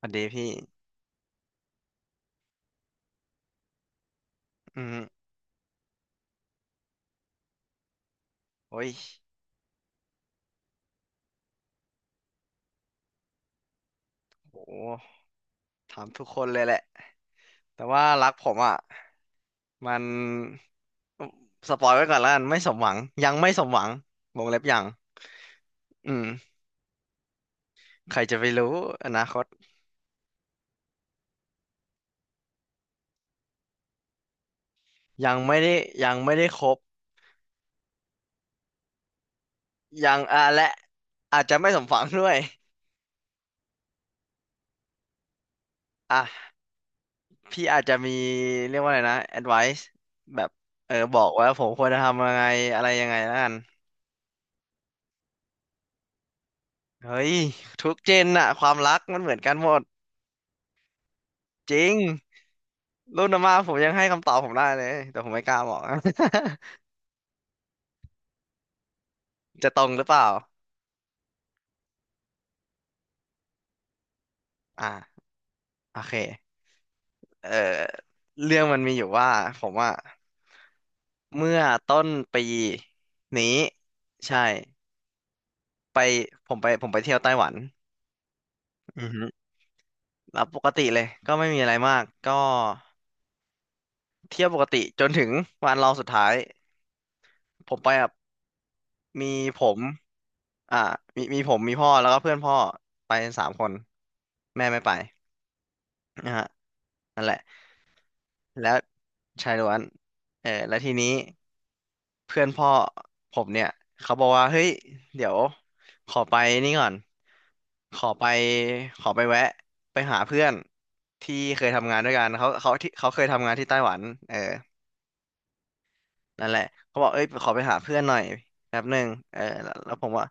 สวัสดีพี่อืมโอ้ยโหถามทุกคนเลยแหละ แต่ว่ารักผมอ่ะมันสปอยไว้ก่อนแล้วกันไม่สมหวังยังไม่สมหวังวงเล็บยังอืมใครจะไปรู้อนาคตยังไม่ได้ยังไม่ได้ครบยังอ่ะและ อาจจะไม่สมหวัง ด้วยอ่ะพี่อาจจะมีเรียกว่าอะไรนะ advice แบบเออบอกว่าผมควรจะทำยังไงอะไรยังไงแล้วกันเฮ้ยทุกเจนอะความรักมันเหมือนกันหมดจริง รุ่นอาม่าผมยังให้คำตอบผมได้เลยแต่ผมไม่กล้าบอก จะตรงหรือเปล่าอ่าโอเคเอ่อเรื่องมันมีอยู่ว่าผมว่าเมื่อต้นปีนี้ใช่ไปผมไปเที่ยวไต้หวันอือฮึแล้วปกติเลยก็ไม่มีอะไรมากก็เที่ยวปกติจนถึงวันรองสุดท้ายผมไปกับมีผมอ่ามีผมมีพ่อแล้วก็เพื่อนพ่อไป3 คนแม่ไม่ไปนะฮะ แล้วชายล้วนเออแล้วทีนี้เพื่อนพ่อผมเนี่ยเขาบอกว่าเฮ้ยเดี๋ยวขอไปนี่ก่อนขอไปขอไปแวะไปหาเพื่อนที่เคยทำงานด้วยกันเขาที่เขาเคยทำงานที่ไต้หวันเออนั่นแหละเขาบอกเอ้ยขอไปหาเพื่อนหน่อยแป๊บหนึ่งเออแล้วผมว่า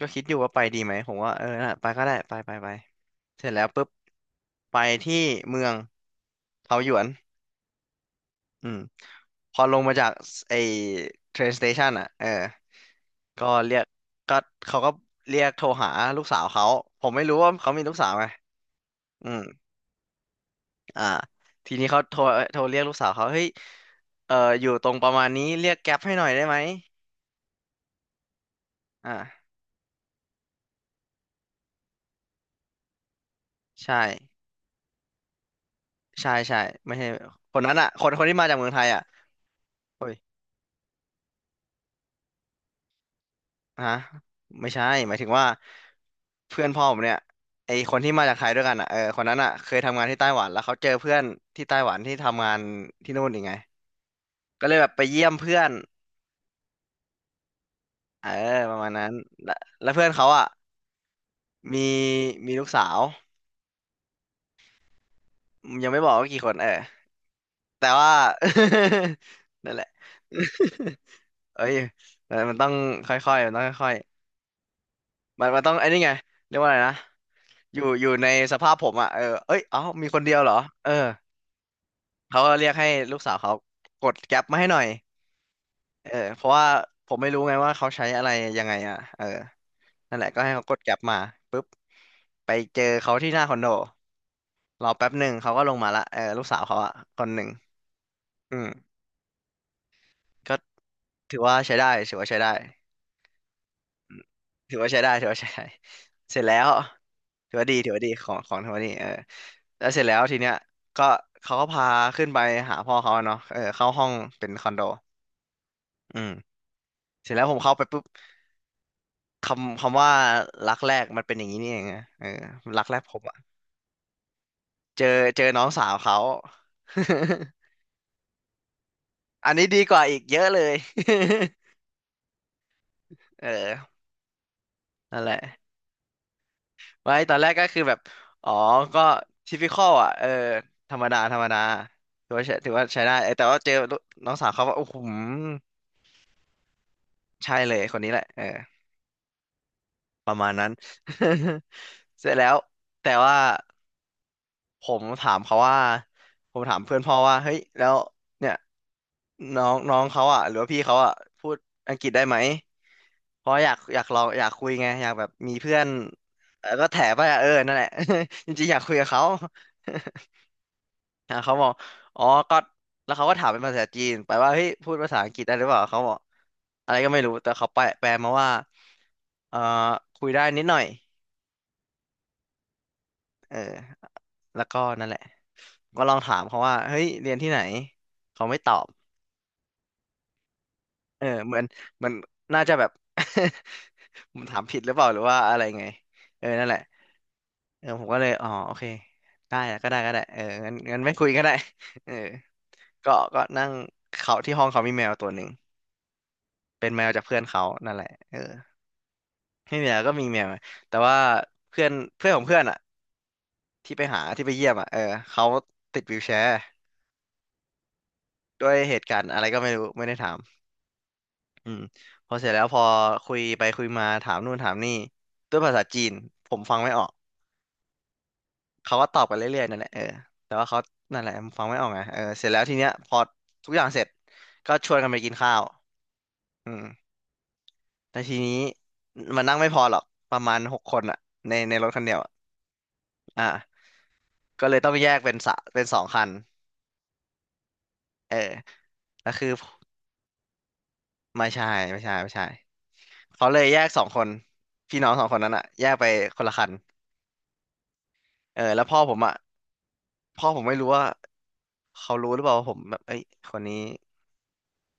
ก็คิดอยู่ว่าไปดีไหมผมว่าเออน่ะไปก็ได้ไปไปไปเสร็จแล้วปุ๊บไปที่เมืองเทาหยวน อืมพอลงมาจากไอ้ train station อ่ะเออก็เรียกก็เขาก็เรียกโทรหาลูกสาวเขาผมไม่รู้ว่าเขามีลูกสาวไงอืมอ่าทีนี้เขาโทรเรียกลูกสาวเขาเฮ้ยเอออยู่ตรงประมาณนี้เรียกแก๊ปให้หน่อยได้ไหมอ่าใช่ใช่ใช่ไม่ใช่คนนั้นอ่ะคนที่มาจากเมืองไทยอ่ะโอ้ย ฮะไม่ใช่หมายถึงว่าเพื่อนพ่อผมเนี่ยไอคนที่มาจากไทยด้วยกันอ่ะเออคนนั้นอ่ะเคยทำงานที่ไต้หวันแล้วเขาเจอเพื่อนที่ไต้หวันที่ทำงานที่นู่นอีกไงก็เลยแบบไปเยี่ยมเพื่อนเออประมาณนั้นแล้วแล้วเพื่อนเขาอ่ะมีมีลูกสาวยังไม่บอกว่ากี่คนเออแต่ว่า นั่นแหละ เอ้ยมันมันต้องค่อยๆมันต้องค่อยๆมันมันต้องไอ้นี่ไงเรียกว่าอะไรนะอยู่ในสภาพผมอ่ะเออเอ้ยเอ้ามีคนเดียวเหรอเออ เขาก็เรียกให้ลูกสาวเขากดแก๊ปมาให้หน่อยเออเพราะว่าผมไม่รู้ไงว่าเขาใช้อะไรยังไงอ่ะเออนั่นแหละก็ให้เขากดแก๊ปมาปุ๊บไปเจอเขาที่หน้าคอนโดรอแป๊บหนึ่งเขาก็ลงมาละเออลูกสาวเขาอะคนหนึ่งอืมก็ถือว่าใช้ได้ถือว่าใช้ได้อืมถือว่าใช้ได้ถือว่าใช้ได้เสร็จแล้วถือว่าดีถือว่าดีของของถือว่าดีเออแล้วเสร็จแล้วทีเนี้ยก็เขาก็พาขึ้นไปหาพ่อเขาอะเนาะเออเข้าห้องเป็นคอนโดอืม เสร็จแล้วผมเข้าไปปุ๊บคำคำว่ารักแรกมันเป็นอย่างนี้นี่เองอะเออรักแรกผมอะเจอเจอน้องสาวเขา อันนี้ดีกว่าอีกเยอะเลย เออนั่นแหละไว้ตอนแรกก็คือแบบอ๋อก็ทิปิคอลอ่ะเออธรรมดาธรรมดาถือว่าใช้ถือว่าใช้ได้เออแต่ว่าเจอน้องสาวเขาว่าโอ้โหใช่เลยคนนี้แหละเออประมาณนั้น เสร็จแล้วแต่ว่า ผมถามเขาว่าผมถามเพื่อนพ่อว่าเฮ้ยแล้วเนี่ยน้องน้องเขาอ่ะหรือว่าพี่เขาอ่ะพูดอังกฤษได้ไหมเพราะอยากลองอยากคุยไงอยากแบบมีเพื่อนเออก็แถไปอ่ะเออนั่นแหละ จริงๆอยากคุยกับเขา อ่ะเขาบอกอ๋อก็แล้วเขาก็ถามเป็นภาษาจีนไปว่าเฮ้ยพูดภาษาอังกฤษได้หรือเปล่าเขาบอกอะไรก็ไม่รู้แต่เขาแปลมาว่าเอ่อคุยได้นิดหน่อยเออ แล้วก็นั่นแหละก็ลองถามเขาว่าเฮ้ยเรียนที่ไหนเขาไม่ตอบเออเหมือนน่าจะแบบ ผมถามผิดหรือเปล่าหรือว่าอะไรไงเออนั่นแหละเออผมก็เลยอ๋อโอเคได้อะก็ได้ก็ได้เอองั้นงั้นไม่คุยก็ได้ เออก็นั่งเขาที่ห้องเขามีแมวตัวหนึ่งเป็นแมวจากเพื่อนเขานั่นแหละเออไม่มีอะไรก็มีแมวแต่ว่าเพื่อนเพื่อนของเพื่อนอ่ะที่ไปหาที่ไปเยี่ยมอ่ะเออเขาติดวีลแชร์ด้วยเหตุการณ์อะไรก็ไม่รู้ไม่ได้ถาม อืมพอเสร็จแล้วพอคุยไปคุยมาถามนู่นถามนี่ด้วยภาษาจีนผมฟังไม่ออกเขาก็ตอบกันเรื่อยๆนั่นแหละเออแต่ว่าเขานั่นแหละฟังไม่ออกไงเออเสร็จแล้วทีเนี้ยพอทุกอย่างเสร็จก็ชวนกันไปกินข้าวอืมแต่ทีนี้มันนั่งไม่พอหรอกประมาณหกคนอะในรถคันเดียวอะอ่าก็เลยต้องแยกเป็นสองคันเออแล้วคือไม่ใช่ไม่ใช่เขาเลยแยกสองคนพี่น้องสองคนนั้นอะแยกไปคนละคัน เออแล้วพ่อผมอ่ะพ่อผมไม่รู้ว่าเขารู้หรือเปล่าว่าผมแบบเอ้ยคนนี้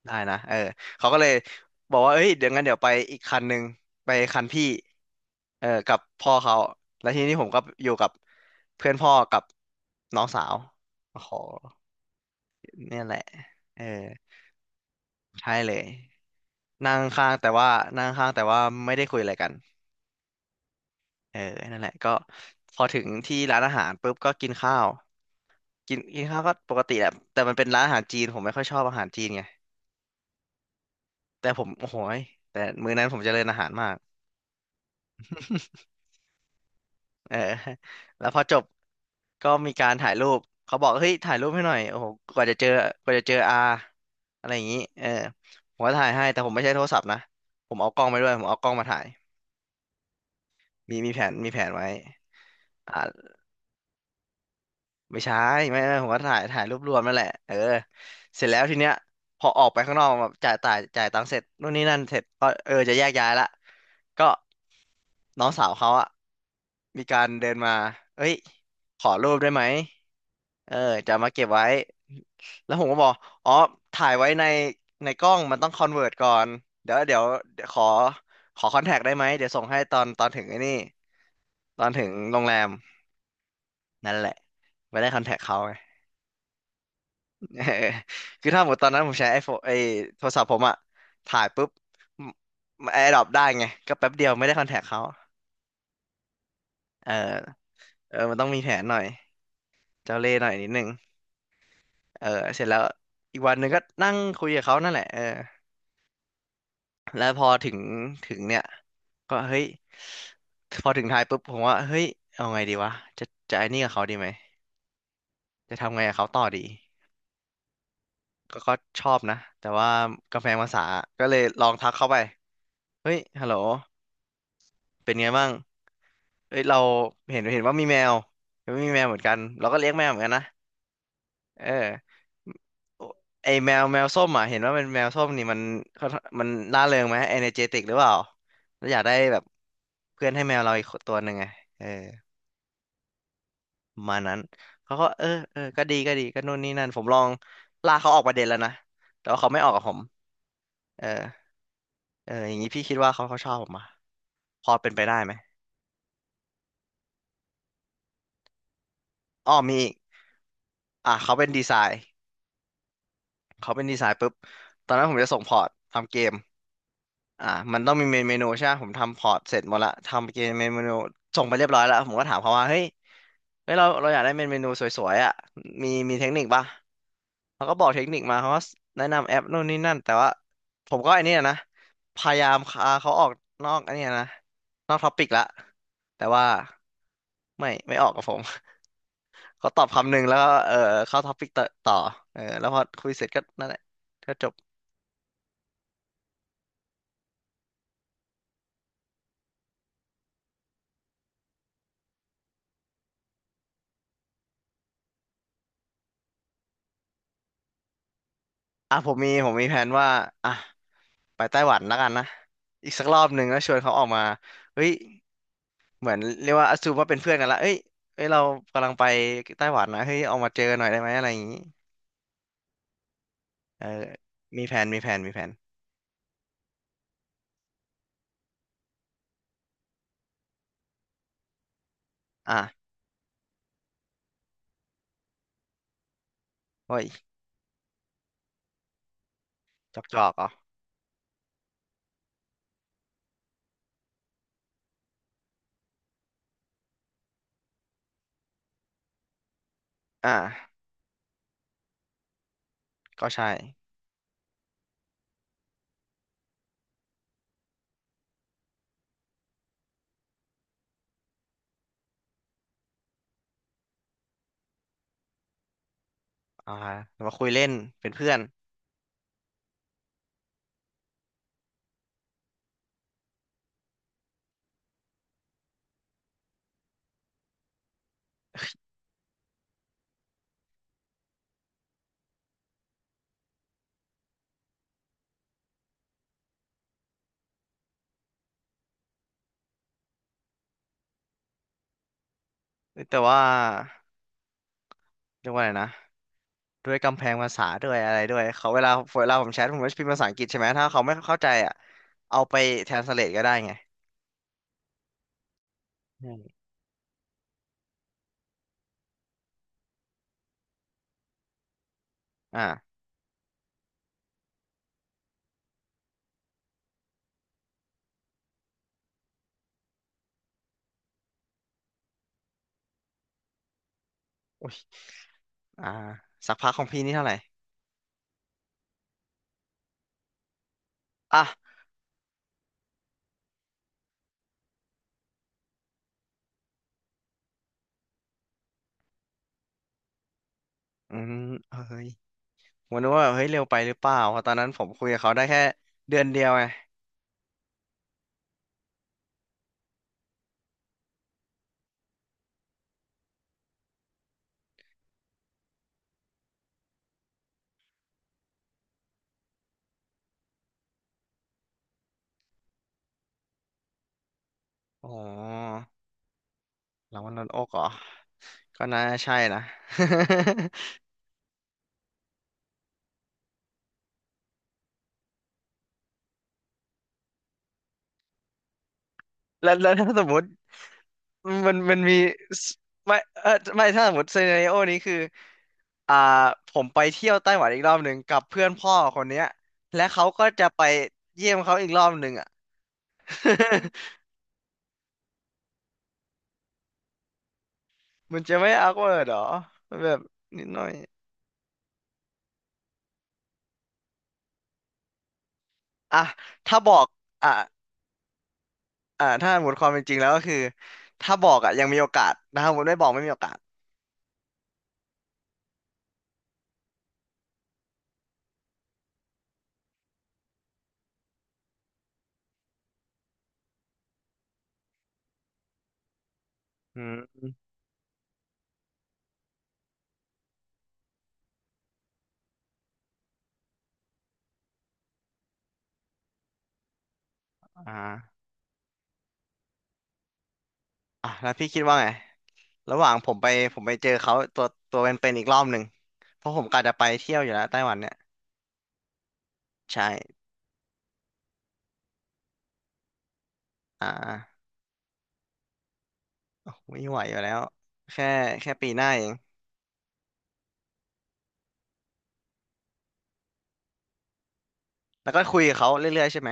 ได้นะเออเขาก็เลยบอกว่าเอ้ยเดี๋ยวงั้นเดี๋ยวไปอีกคันหนึ่งไปคันพี่เออกับพ่อเขาแล้วทีนี้ผมก็อยู่กับเพื่อนพ่อกับน้องสาวโอ้โหเนี่ยแหละเออใช่เลยนั่งข้างแต่ว่านั่งข้างแต่ว่าไม่ได้คุยอะไรกันเออนั่นแหละก็พอถึงที่ร้านอาหารปุ๊บก็กินข้าว กินกินข้าวก็ปกติแหละแต่มันเป็นร้านอาหารจีนผมไม่ค่อยชอบอาหารจีนไงแต่ผมโอ้โหยแต่มื้อนั้นผมเจริญอาหารมากเออ แล้วพอจบก็มีการถ่ายรูปเขาบอกเฮ้ยถ่ายรูปให้หน่อยโอ้โหกว่าจะเจอกว่าจะเจออาอะไรอย่างนี้เออผมก็ถ่ายให้แต่ผมไม่ใช้โทรศัพท์นะผมเอากล้องไปด้วยผมเอากล้องมาถ่ายมีแผนมีแผนไว้อ่า ไม่ใช่ไม่ไม่ผมก็ถ่ายรูปรวมนั่นแหละเออเสร็จแล้วทีเนี้ยพอออกไปข้างนอกแบบจ่ายตังค์เสร็จนู่นนี่นั่นเสร็จก็เออจะแยกย้ายละก็น้องสาวเขาอะมีการเดินมาเอ้ยขอรูปได้ไหมเออจะเอามาเก็บไว้แล้วผมก็บอกอ๋อถ่ายไว้ในในกล้องมันต้องคอนเวิร์ตก่อนเดี๋ยวเดี๋ยวเดี๋ยวขอคอนแทคได้ไหมเดี๋ยวส่งให้ตอนถึงไอ้นี่ตอนถึงโรงแรมนั่นแหละไม่ได้คอนแทคเขา เออคือถ้าหมดตอนนั้นผมใช้ไอโฟนโทรศัพท์ผมอะถ่ายปุ๊บแอร์ดรอปได้ไงก็แป๊บเดียวไม่ได้คอนแทคเขาเออเออมันต้องมีแผนหน่อยเจ้าเล่ห์หน่อยนิดนึงเออเสร็จแล้วอีกวันหนึ่งก็นั่งคุยกับเขานั่นแหละเออแล้วพอถึงเนี่ยก็เฮ้ยพอถึงไทยปุ๊บผมว่าเฮ้ยเอาไงดีวะจะจะไอ้นี่กับเขาดีไหมจะทำไงกับเขาต่อดีก็ชอบนะแต่ว่ากำแพงภาษาก็เลยลองทักเข้าไปเฮ้ยฮัลโหลเป็นไงบ้าง เอ้ยเราเห็นว่ามีแมวเห็นว่ามีแมวเหมือนกันเราก็เลี้ยงแมวเหมือนกันนะเออไอแมวส้มอ่ะเห็นว่าเป็นแมวส้มนี่มันเขามันร่าเริงไหมเอเนเจติกหรือเปล่าแล้วอยากได้แบบเพื่อนให้แมวเราอีกตัวหนึ่งไงเออประมาณนั้นเขาก็เออเออก็ดีก็ดีก็นู่นนี่นั่นผมลองลากเขาออกประเด็นแล้วนะแต่ว่าเขาไม่ออกกับผมเออเอออย่างนี้พี่คิดว่าเขาชอบผมอ่ะพอเป็นไปได้ไหมอ้อมีอีกอ่ะเขาเป็นดีไซน์ เขาเป็นดีไซน์ปุ๊บตอนนั้นผมจะส่งพอร์ตทำเกมอ่ามันต้องมีเมนูใช่ไหมผมทำพอร์ตเสร็จหมดละทำเกมเมนูส่งไปเรียบร้อยแล้วผมก็ถามเขาว่าเฮ้ยเราอยากได้เมนูสวยๆอ่ะมีเทคนิคปะเขาก็บอกเทคนิคมาเขาก็แนะนำแอปนู่นนี่นั่นแต่ว่าผมก็ไอ้นี่นะพยายามพาเขาออกนอกไอ้นี่นะนอกท็อปิกละแต่ว่าไม่ออกกับผม เขาตอบคำหนึ่งแล้วก็เออเข้าท็อปิกต่อเออแล้วพอคุยเสร็จก็นั่นแหละก็จบ อ่ะผมมีแผนว่าอ่ะไปไต้หวันแล้วกันนะอีกสักรอบหนึ่งแล้วชวนเขาออกมาเฮ้ยเหมือนเรียกว่าอ s ซูมว่าเป็นเพื่อนกันละเอ้ยเอ้ยเรากำลังไปไต้หวันนะเฮ้ยออกมาเจอหน่อยได้ไหมอะไรอย่างงี้เออมีแผนมีแผนมีแผนอ่ะโอ้ยจอกจอกอ๋ออ่ะก็ใช่อ่ามาคุยเล่นเป็นเพื่อนเอ้ยแต่ว่าเรียกว่าอะไรนะด้วยกำแพงภาษาด้วยอะไรด้วยเขาเวลาผมแชทผมก็จะพิมพ์ภาษาอังกฤษใช่ไหมถ้าเขาไม่เข้าใจอ่ะเอาไป translate ก็ได้ไงอืมอ่าโอ้ย อ่าสักพักของพี่นี่เท่าไหร่อ่ะอืมเฮ้ยผมนึกว่าแบบเฮ้ยเร็วไปหรือเปล่าเพราะตอนนั้นผมคุยกับเขาได้แค่เดือนเดียวไงอ๋อรางวัลลดอกเหรอก็น่าใช่นะ แล้วถ้าสมมติมันมีสไม่เออไม่ถ้าสมมติซีนาริโอนี้คืออ่าผมไปเที่ยวไต้หวันอีกรอบหนึ่งกับเพื่อนพ่อคนเนี้ยและเขาก็จะไปเยี่ยมเขาอีกรอบหนึ่งอ่ะ มันจะไม่อ w k w เ r d หรอมันแบบนิดหน่อย อ่ะถ้าบอกอ่ะอ่ะถ้าหมดความเป็นจริงแล้วก็คือถ้าบอกอ่ะยังมีโอกาสนะถ้าหมดไม่บอกไม่มีโอกาสอืมอ่าอ่ะแล้วพี่คิดว่าไงระหว่างผมไปเจอเขาตัวเป็นๆอีกรอบหนึ่งเพราะผมกะจะไปเที่ยวอยู่แล้วไต้หวันเนี่ยใช่อ่าไม่ไหวอยู่แล้วแค่ปีหน้าเองแล้วก็คุยกับเขาเรื่อยๆใช่ไหม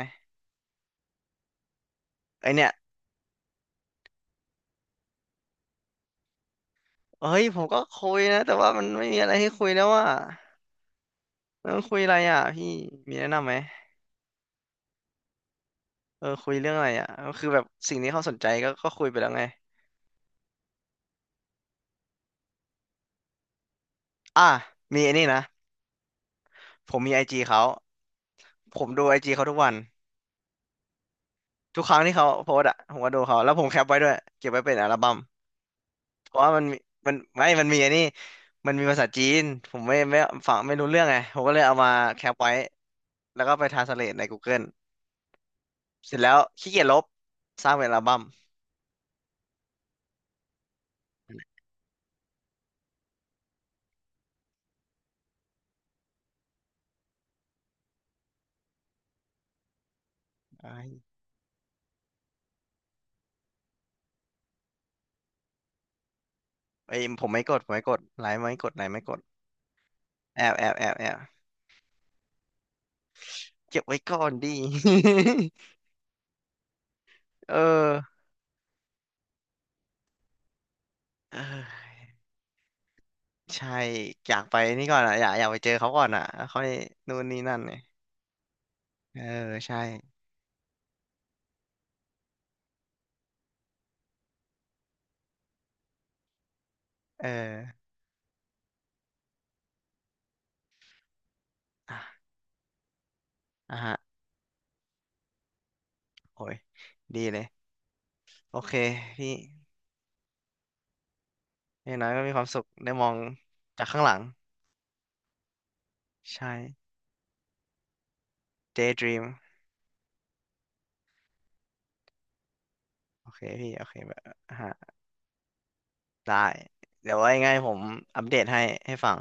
ไอเนี่ยเฮ้ยผมก็คุยนะแต่ว่ามันไม่มีอะไรให้คุยแล้วว่าแล้วมันคุยอะไรอ่ะพี่มีแนะนำไหม เออคุยเรื่องอะไรอ่ะก็คือแบบสิ่งนี้เขาสนใจก็คุยไปแล้วไงอ่ะมีไอ้นี่นะผมมีไอจีเขาผมดูไอจีเขาทุกวันทุกครั้งที่เขาโพสต์อ่ะผมก็ดูเขาแล้วผมแคปไว้ด้วยเก็บไว้เป็นอัลบั้มเพราะว่ามันมีมันมีไอ้นี่มันมีภาษาจีนผมไม่ฟังไม่รู้เรื่องไงผมก็เลยเอามาแคปไว้แล้วก็ไปทรานสเลทในกูเกิ e เสร็จแล้วขี้เกียจลบสร้างเป็นอัลบั้มไอ้ไอ้ยผมไม่กดผมไม่กดไลค์ไม่กดไลค์ไม่กดแอบเก็บไว้ก่อนดี เออ เออใช่อยากไปนี่ก่อนอ่ะอยากไปเจอเขาก่อนอ่ะแล้วค่อยนู่นนี่นั่นเนี่ยเออใช่เอออ่ะอ่ะฮะโอ้ยดีเลยโอเคพี่อย่างน้อยก็มีความสุขได้มองจากข้างหลังใช่ Daydream โอเคพี่โอเคแบบอ่ะฮะได้เดี๋ยวว่ายังไงผมอัปเดตให้ฟัง